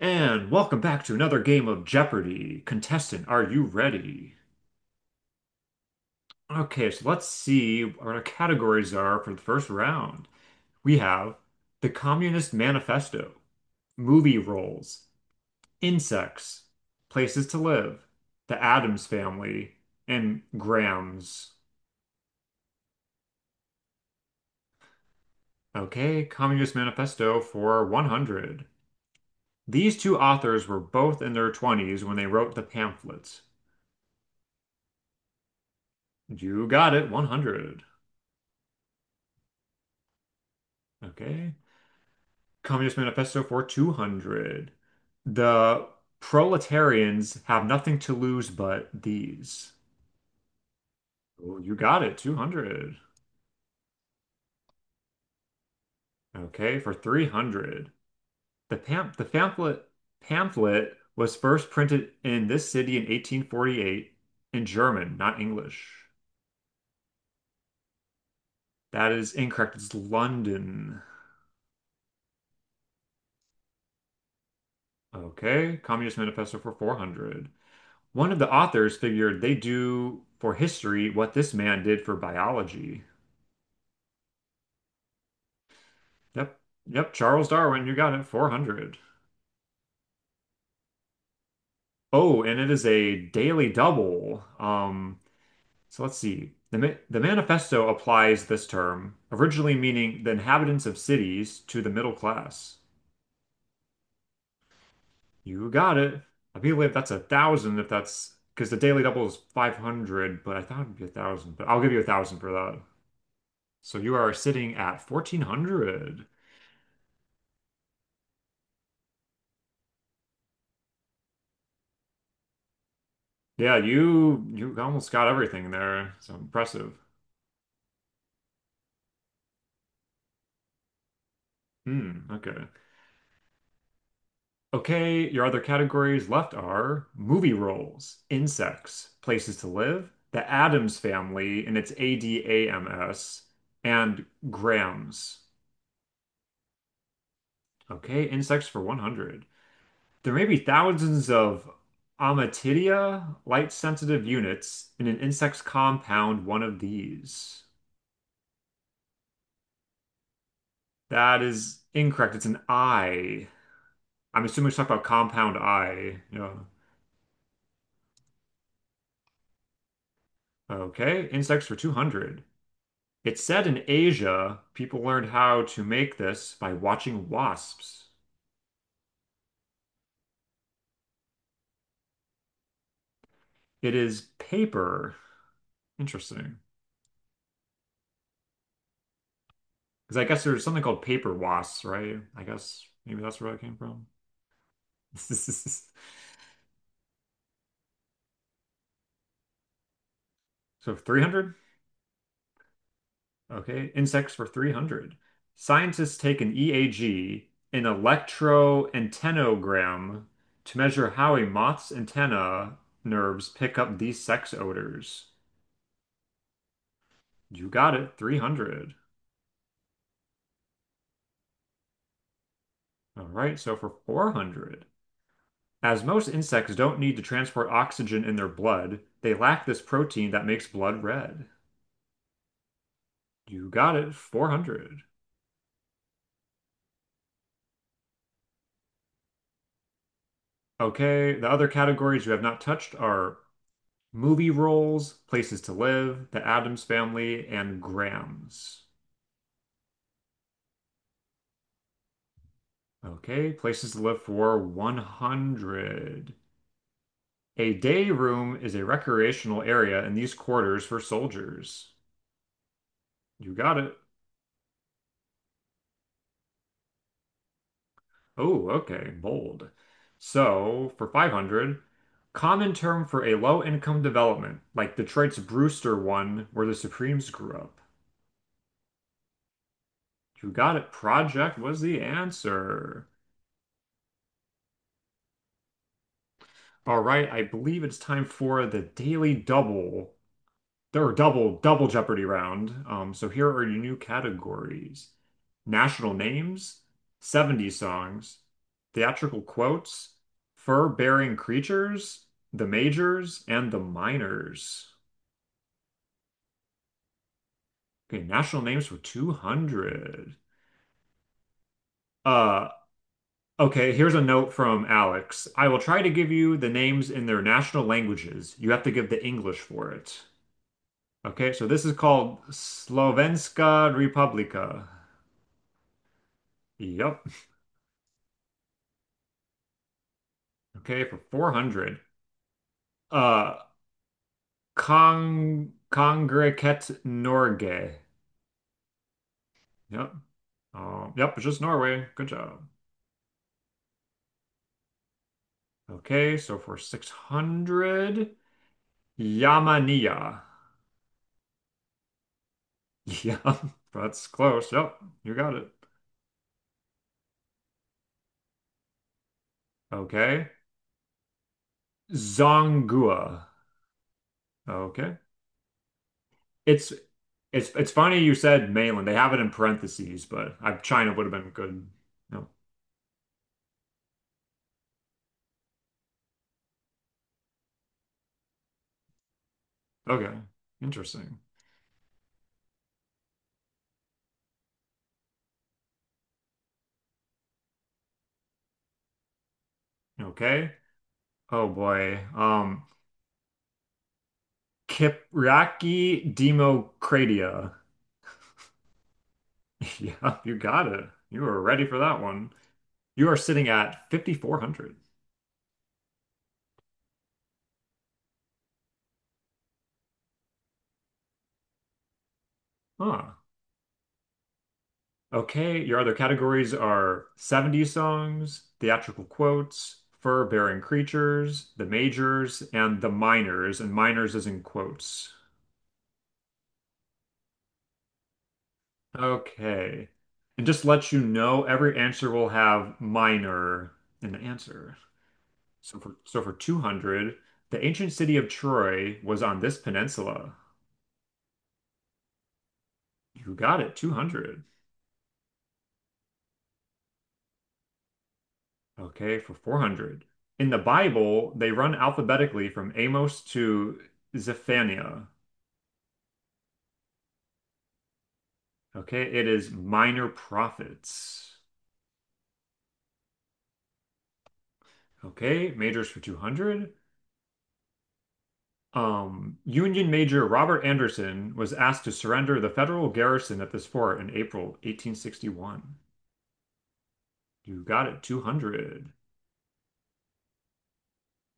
And welcome back to another game of Jeopardy! Contestant, are you ready? Okay, so let's see what our categories are for the first round. We have the Communist Manifesto, movie roles, insects, places to live, the Addams Family, and Grams. Okay, Communist Manifesto for 100. These two authors were both in their 20s when they wrote the pamphlets. You got it, 100. Okay. Communist Manifesto for 200. The proletarians have nothing to lose but these. Oh, you got it, 200. Okay, for 300. The pamphlet was first printed in this city in 1848 in German, not English. That is incorrect. It's London. Okay, Communist Manifesto for 400. One of the authors figured they do for history what this man did for biology. Yep. Yep. Charles Darwin, you got it. 400. Oh, and it is a daily double. So let's see. The manifesto applies this term, originally meaning the inhabitants of cities, to the middle class. You got it. I believe that's a thousand if that's because the daily double is 500, but I thought it'd be a thousand, but I'll give you a thousand for that. So you are sitting at 1,400. Yeah, you almost got everything there. So impressive. Hmm, okay. Okay, your other categories left are movie roles, insects, places to live, the Addams family, and it's Adams, and grams. Okay, insects for 100. There may be thousands of Amatidia, light-sensitive units, in an insect's compound, one of these. That is incorrect. It's an I. I'm assuming it's talking about compound I. Yeah. Okay, insects for 200. It said in Asia, people learned how to make this by watching wasps. It is paper. Interesting. Because I guess there's something called paper wasps, right? I guess maybe that's where that came from. So 300? Okay. Insects for 300. Scientists take an EAG, an electroantennogram, to measure how a moth's antenna nerves pick up these sex odors. You got it, 300. All right, so for 400. As most insects don't need to transport oxygen in their blood, they lack this protein that makes blood red. You got it, 400. Okay, the other categories you have not touched are movie roles, places to live, the Addams family, and grams. Okay, places to live for 100. A day room is a recreational area in these quarters for soldiers. You got it. Oh, okay, bold. So, for 500, common term for a low-income development, like Detroit's Brewster one, where the Supremes grew up. You got it. Project was the answer. All right, I believe it's time for the Daily Double. There were double Jeopardy round. So here are your new categories: national names, 70s songs, theatrical quotes, fur-bearing creatures, the majors, and the minors. Okay, national names for 200. Uh, okay, here's a note from Alex. I will try to give you the names in their national languages. You have to give the English for it. Okay, so this is called Slovenska Republika. Yep. Okay, for 400. Uh, Kongregate Norge. Yep. Yep, it's just Norway. Good job. Okay, so for 600, Yamania. Yeah, that's close. Yep, you got it. Okay. Zongua. Okay. It's it's funny you said mainland. They have it in parentheses, but I China would have been good. No. Okay. Interesting. Okay. Oh boy. Kypriaki Democratia. Yeah, you got it. You were ready for that one. You are sitting at 5,400. Huh. Okay, your other categories are 70s songs, theatrical quotes, fur-bearing creatures, the majors, and the minors, and minors is in quotes. Okay. And just let you know, every answer will have minor in the answer. So for 200, the ancient city of Troy was on this peninsula. You got it, 200. Okay, for 400. In the Bible, they run alphabetically from Amos to Zephaniah. Okay, it is minor prophets. Okay, majors for 200. Union Major Robert Anderson was asked to surrender the federal garrison at this fort in April 1861. You got it, 200.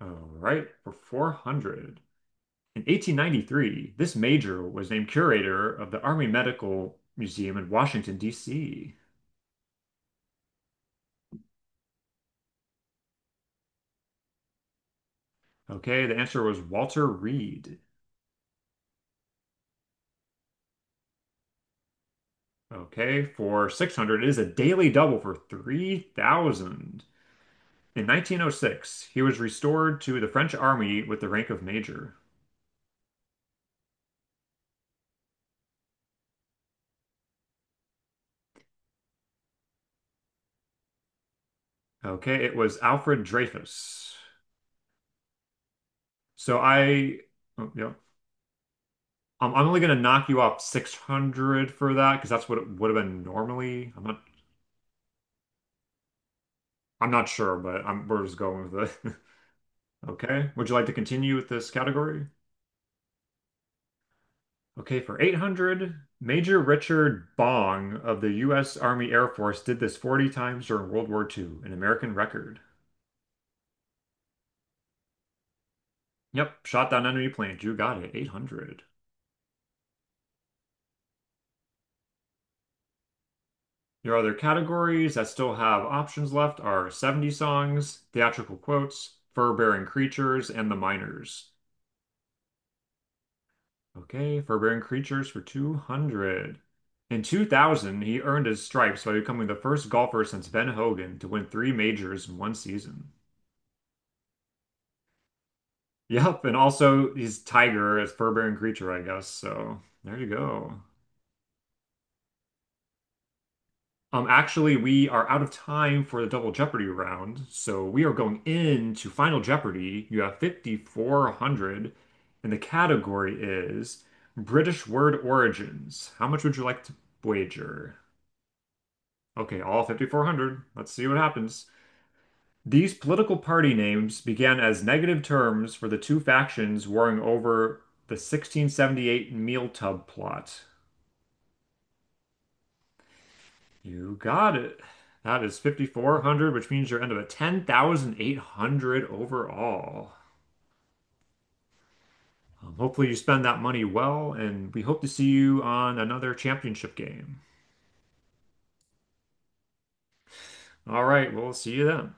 All right, for 400. In 1893, this major was named curator of the Army Medical Museum in Washington, D.C. Okay, the answer was Walter Reed. Okay, for 600, it is a daily double for 3,000. In 1906, he was restored to the French army with the rank of major. Okay, it was Alfred Dreyfus. So I, oh, yeah, I'm only going to knock you off 600 for that because that's what it would have been normally. I'm not sure, but we're just going with it. Okay. Would you like to continue with this category? Okay, for 800, Major Richard Bong of the U.S. Army Air Force did this 40 times during World War II, an American record. Yep, shot down enemy planes. You got it. 800. Your other categories that still have options left are 70 songs, theatrical quotes, fur-bearing creatures, and the miners. Okay, Forbearing Creatures for 200. In 2000, he earned his stripes by becoming the first golfer since Ben Hogan to win three majors in one season. Yep, and also he's Tiger as Forbearing Creature, I guess. So there you go. Actually, we are out of time for the Double Jeopardy round, so we are going into Final Jeopardy. You have 5,400, and the category is British word origins. How much would you like to wager? Okay, all 5,400. Let's see what happens. These political party names began as negative terms for the two factions warring over the 1678 meal tub plot. You got it. That is 5,400, which means you're end up at 10,800 overall. Hopefully, you spend that money well, and we hope to see you on another championship game. All right, we'll see you then.